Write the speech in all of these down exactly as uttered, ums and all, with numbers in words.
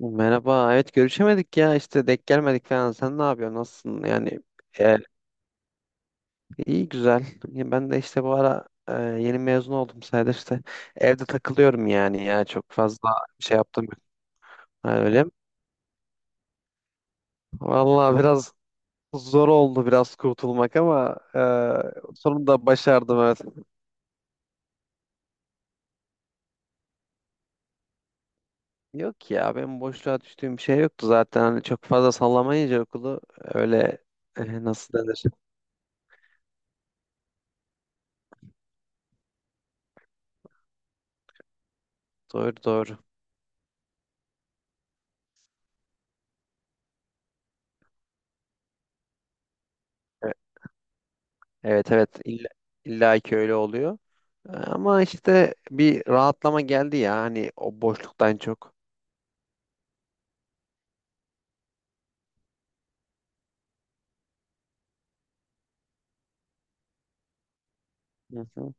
Merhaba. Evet görüşemedik ya işte denk gelmedik falan. Sen ne yapıyorsun? Nasılsın? Yani e, iyi güzel. Ya ben de işte bu ara e, yeni mezun oldum sayılır işte. Evde takılıyorum yani ya çok fazla şey yaptım. Yok. Ha, öyle mi? Vallahi biraz zor oldu biraz kurtulmak ama e, sonunda başardım evet. Yok ya benim boşluğa düştüğüm bir şey yoktu zaten. Hani çok fazla sallamayınca okulu öyle e, nasıl denir? Doğru doğru. E, Evet evet illa, illa ki öyle oluyor. Ama işte bir rahatlama geldi ya hani o boşluktan çok. Hı hı.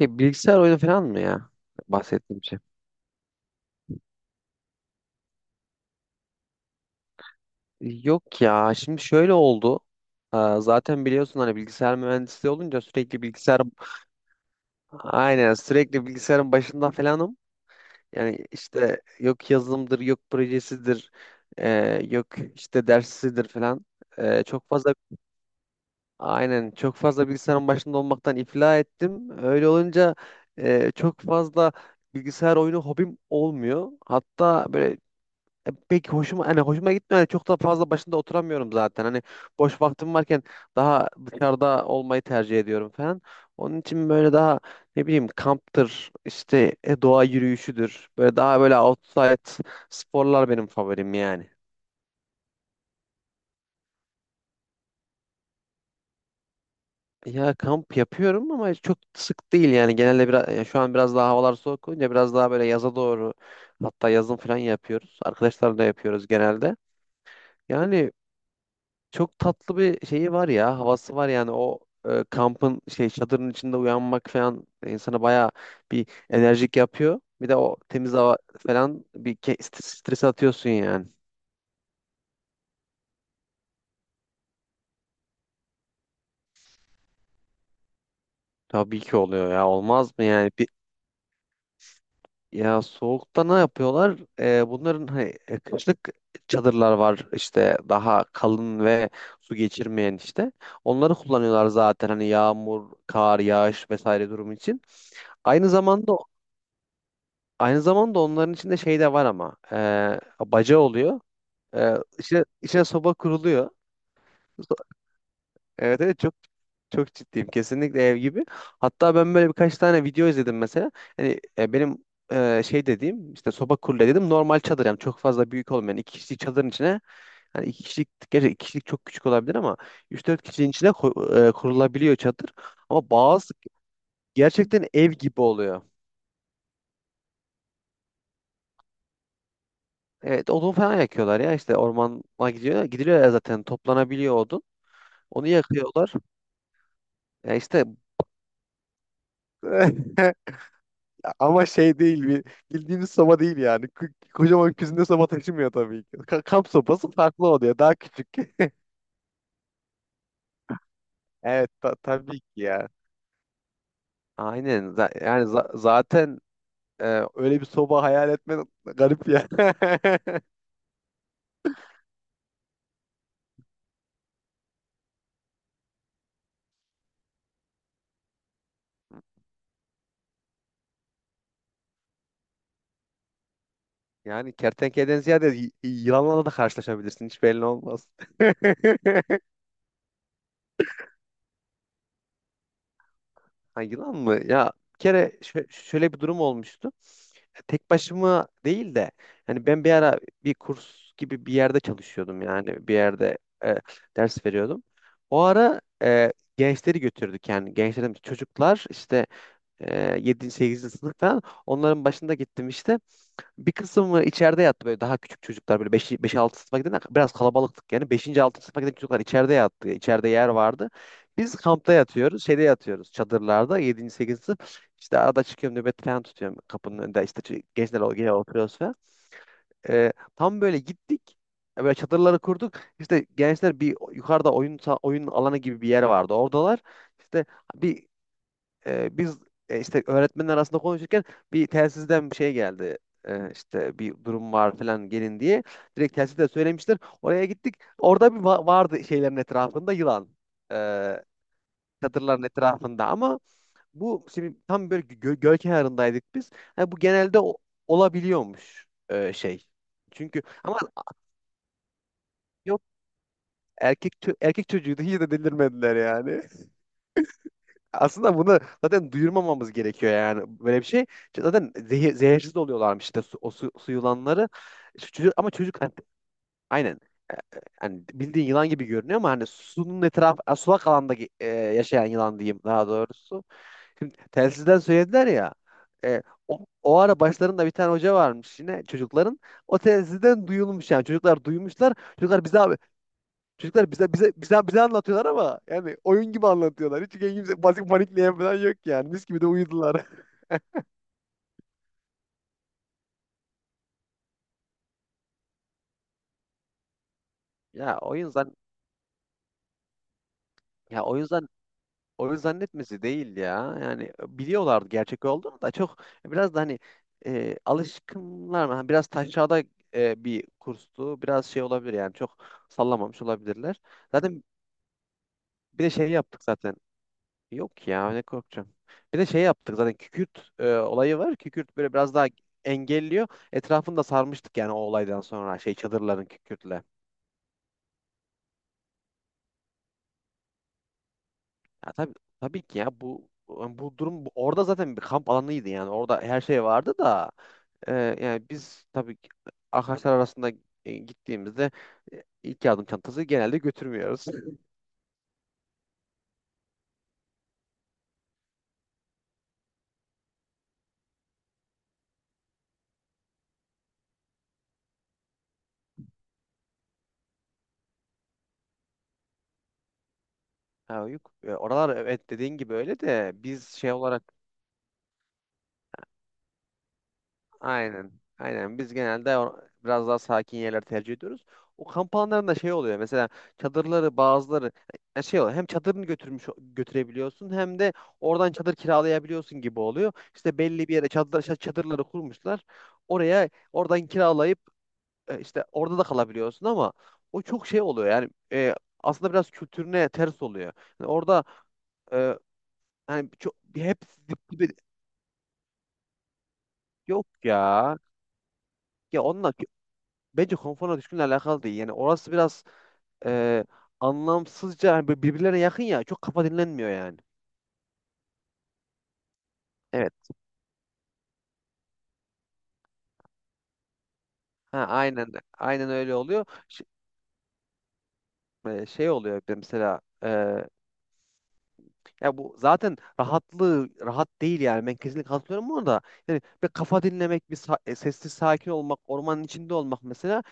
E, bilgisayar oyunu falan mı ya bahsettiğim şey? Yok ya şimdi şöyle oldu. Aa, Zaten biliyorsun hani bilgisayar mühendisliği olunca sürekli bilgisayar aynen sürekli bilgisayarın başında falanım. Yani işte yok yazılımdır, yok projesidir, e, yok işte dersidir falan. E, çok fazla Aynen çok fazla bilgisayarın başında olmaktan iflah ettim. Öyle olunca e, çok fazla bilgisayar oyunu hobim olmuyor. Hatta böyle e, pek hoşuma hani hoşuma gitmiyor. Yani çok da fazla başında oturamıyorum zaten. Hani boş vaktim varken daha dışarıda olmayı tercih ediyorum falan. Onun için böyle daha ne bileyim kamptır işte e, doğa yürüyüşüdür. Böyle daha böyle outside sporlar benim favorim yani. Ya kamp yapıyorum ama çok sık değil yani genelde biraz ya şu an biraz daha havalar soğuk olunca biraz daha böyle yaza doğru hatta yazın falan yapıyoruz. Arkadaşlarla yapıyoruz genelde. Yani çok tatlı bir şeyi var ya havası var yani o e, kampın şey çadırın içinde uyanmak falan insana bayağı bir enerjik yapıyor. Bir de o temiz hava falan bir ke- stres, stres atıyorsun yani. Tabii ki oluyor ya olmaz mı yani? Ya soğukta ne yapıyorlar? Ee, bunların hani e, kışlık çadırlar var işte daha kalın ve su geçirmeyen işte. Onları kullanıyorlar zaten hani yağmur, kar, yağış vesaire durum için. Aynı zamanda aynı zamanda onların içinde şey de var ama e, baca oluyor. E, içine, içine soba kuruluyor. Evet evet çok çok ciddiyim. Kesinlikle ev gibi. Hatta ben böyle birkaç tane video izledim mesela. Hani e, benim e, şey dediğim işte soba kurule dedim normal çadır yani çok fazla büyük olmayan iki kişilik çadırın içine hani iki kişilik gerçi iki kişilik çok küçük olabilir ama üç dört kişinin içine ko- e, kurulabiliyor çadır. Ama bazı gerçekten ev gibi oluyor. Evet odun falan yakıyorlar ya işte ormana gidiyor. Gidiliyor ya zaten toplanabiliyor odun. Onu yakıyorlar. Ya işte Ama şey değil bir bildiğiniz soba değil yani. K- Kocaman küzünde soba taşımıyor tabii ki. Ka- kamp sopası farklı oluyor. Daha küçük. Evet ta- tabii ki ya. Aynen. Za- yani za- zaten e, öyle bir soba hayal etmen garip ya. Yani kertenkeleden ziyade y- yılanlarla da karşılaşabilirsin. Hiç belli olmaz. Ha, yılan mı? Ya bir kere şö- şöyle bir durum olmuştu. E, Tek başıma değil de hani ben bir ara bir kurs gibi bir yerde çalışıyordum yani bir yerde e, ders veriyordum. O ara e, gençleri götürdük yani gençlerim çocuklar işte e, yedinci. sekizinci sınıf falan onların başında gittim işte. Bir kısmı içeride yattı böyle daha küçük çocuklar böyle beş altı sınıfa giden biraz kalabalıktık yani beşinci altıncı sınıfa giden çocuklar içeride yattı. İçeride yer vardı. Biz kampta yatıyoruz. Şeyde yatıyoruz çadırlarda yedinci sekizinci sınıf. İşte arada çıkıyorum nöbet falan tutuyorum kapının önünde işte ç- gençler o- gene oturuyoruz falan. Ee, tam böyle gittik. e, Böyle çadırları kurduk. İşte gençler bir yukarıda oyun sa- oyun alanı gibi bir yer vardı. Oradalar. İşte bir e, biz e, işte öğretmenler arasında konuşurken bir telsizden bir şey geldi. E, işte bir durum var falan gelin diye. Direkt telsizde söylemişler. Oraya gittik. Orada bir va- vardı şeylerin etrafında yılan. E, çadırların etrafında ama bu şimdi tam böyle gö göl kenarındaydık biz. Ha, bu genelde o- olabiliyormuş e, şey. Çünkü ama yok erkek çö- erkek çocuğuydu hiç de delirmediler yani. Aslında bunu zaten duyurmamamız gerekiyor yani böyle bir şey. Çünkü zaten zehir, zehirsiz oluyorlarmış işte su, o su, su yılanları. Şu Çocuk, ama çocuk hani, aynen hani bildiğin yılan gibi görünüyor ama hani sunun etrafı sulak alanda ge- e, yaşayan yılan diyeyim daha doğrusu. Şimdi telsizden söylediler ya e, o, o ara başlarında bir tane hoca varmış yine çocukların. O telsizden duyulmuş yani çocuklar duymuşlar. Çocuklar bize Çocuklar bize bize bize bize anlatıyorlar ama yani oyun gibi anlatıyorlar. Hiç kimse basit panikleyen falan yok yani. Mis gibi de uyudular. Ya oyun zan ya oyun zan oyun zannetmesi değil ya. Yani biliyorlardı gerçek olduğunu da çok biraz da hani e, alışkınlar mı? Hani biraz taşrada e, bir kurstu. Biraz şey olabilir yani çok sallamamış olabilirler. Zaten bir de şey yaptık zaten. Yok ya ne korkacağım. Bir de şey yaptık zaten kükürt e, olayı var. Kükürt böyle biraz daha engelliyor. Etrafını da sarmıştık yani o olaydan sonra şey çadırların kükürtle. Ya tabii, tabii ki ya bu yani bu durum bu- orada zaten bir kamp alanıydı yani orada her şey vardı da e, yani biz tabii ki arkadaşlar arasında e, gittiğimizde e, ilk yardım çantası genelde götürmüyoruz. Ha, yok. E, oralar evet dediğin gibi öyle de biz şey olarak Aynen. Aynen. Biz genelde o- biraz daha sakin yerler tercih ediyoruz. O kamp alanlarında şey oluyor. Mesela çadırları bazıları yani şey oluyor. Hem çadırını götürmüş götürebiliyorsun hem de oradan çadır kiralayabiliyorsun gibi oluyor. İşte belli bir yere çadır, ça- çadırları kurmuşlar. Oraya oradan kiralayıp e, işte orada da kalabiliyorsun ama o çok şey oluyor. Yani e, aslında biraz kültürüne ters oluyor. Yani orada e, hani çok hep yok ya. Ya onunla bence konforuna düşkünle alakalı değil. Yani orası biraz e, anlamsızca hani böyle birbirlerine yakın ya çok kafa dinlenmiyor yani. Evet. Ha, aynen aynen öyle oluyor. Ş- e, şey oluyor bir de mesela e, ya bu zaten rahatlığı rahat değil yani ben kesinlikle katılıyorum buna da yani bir kafa dinlemek bir sa- e, sessiz sakin olmak ormanın içinde olmak mesela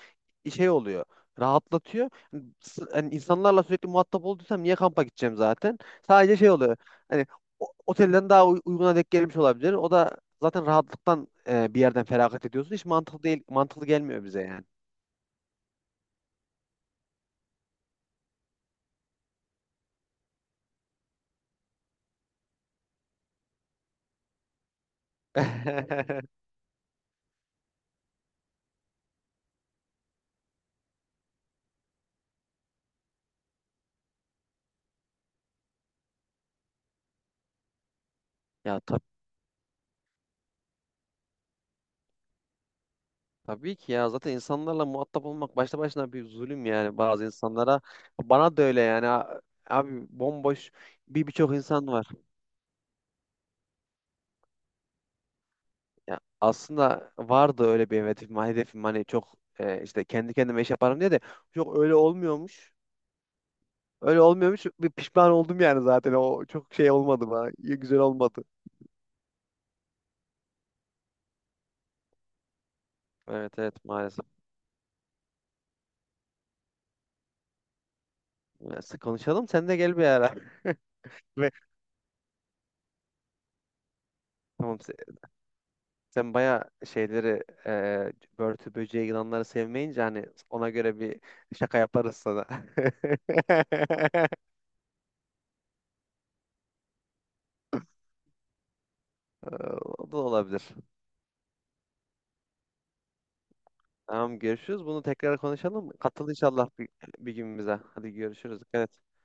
şey oluyor. Rahatlatıyor. Hani s- hani insanlarla sürekli muhatap olduysam niye kampa gideceğim zaten? Sadece şey oluyor. Hani o- otelden daha uy- uyguna denk gelmiş olabilir. O da zaten rahatlıktan e, bir yerden feragat ediyorsun. Hiç mantıklı değil, mantıklı gelmiyor bize yani. Ya tab tabii ki ya zaten insanlarla muhatap olmak başta başına bir zulüm yani bazı insanlara. Bana da öyle yani A- abi bomboş bir birçok insan var. Ya aslında vardı öyle bir hedefim. Hedefim hani çok e, işte kendi kendime iş yaparım diye de çok öyle olmuyormuş. Öyle olmuyormuş. Bir pişman oldum yani zaten. O çok şey olmadı bana. iyi- Güzel olmadı. Evet evet maalesef. Neyse, konuşalım. Sen de gel bir ara. Ve tamam se- sen, bayağı şeyleri e, börtü böceği yılanları sevmeyince hani ona göre bir şaka yaparız sana. O da olabilir. Tamam görüşürüz. Bunu tekrar konuşalım. Katıl inşallah bir, bir gün bize. Hadi görüşürüz. Dikkat et.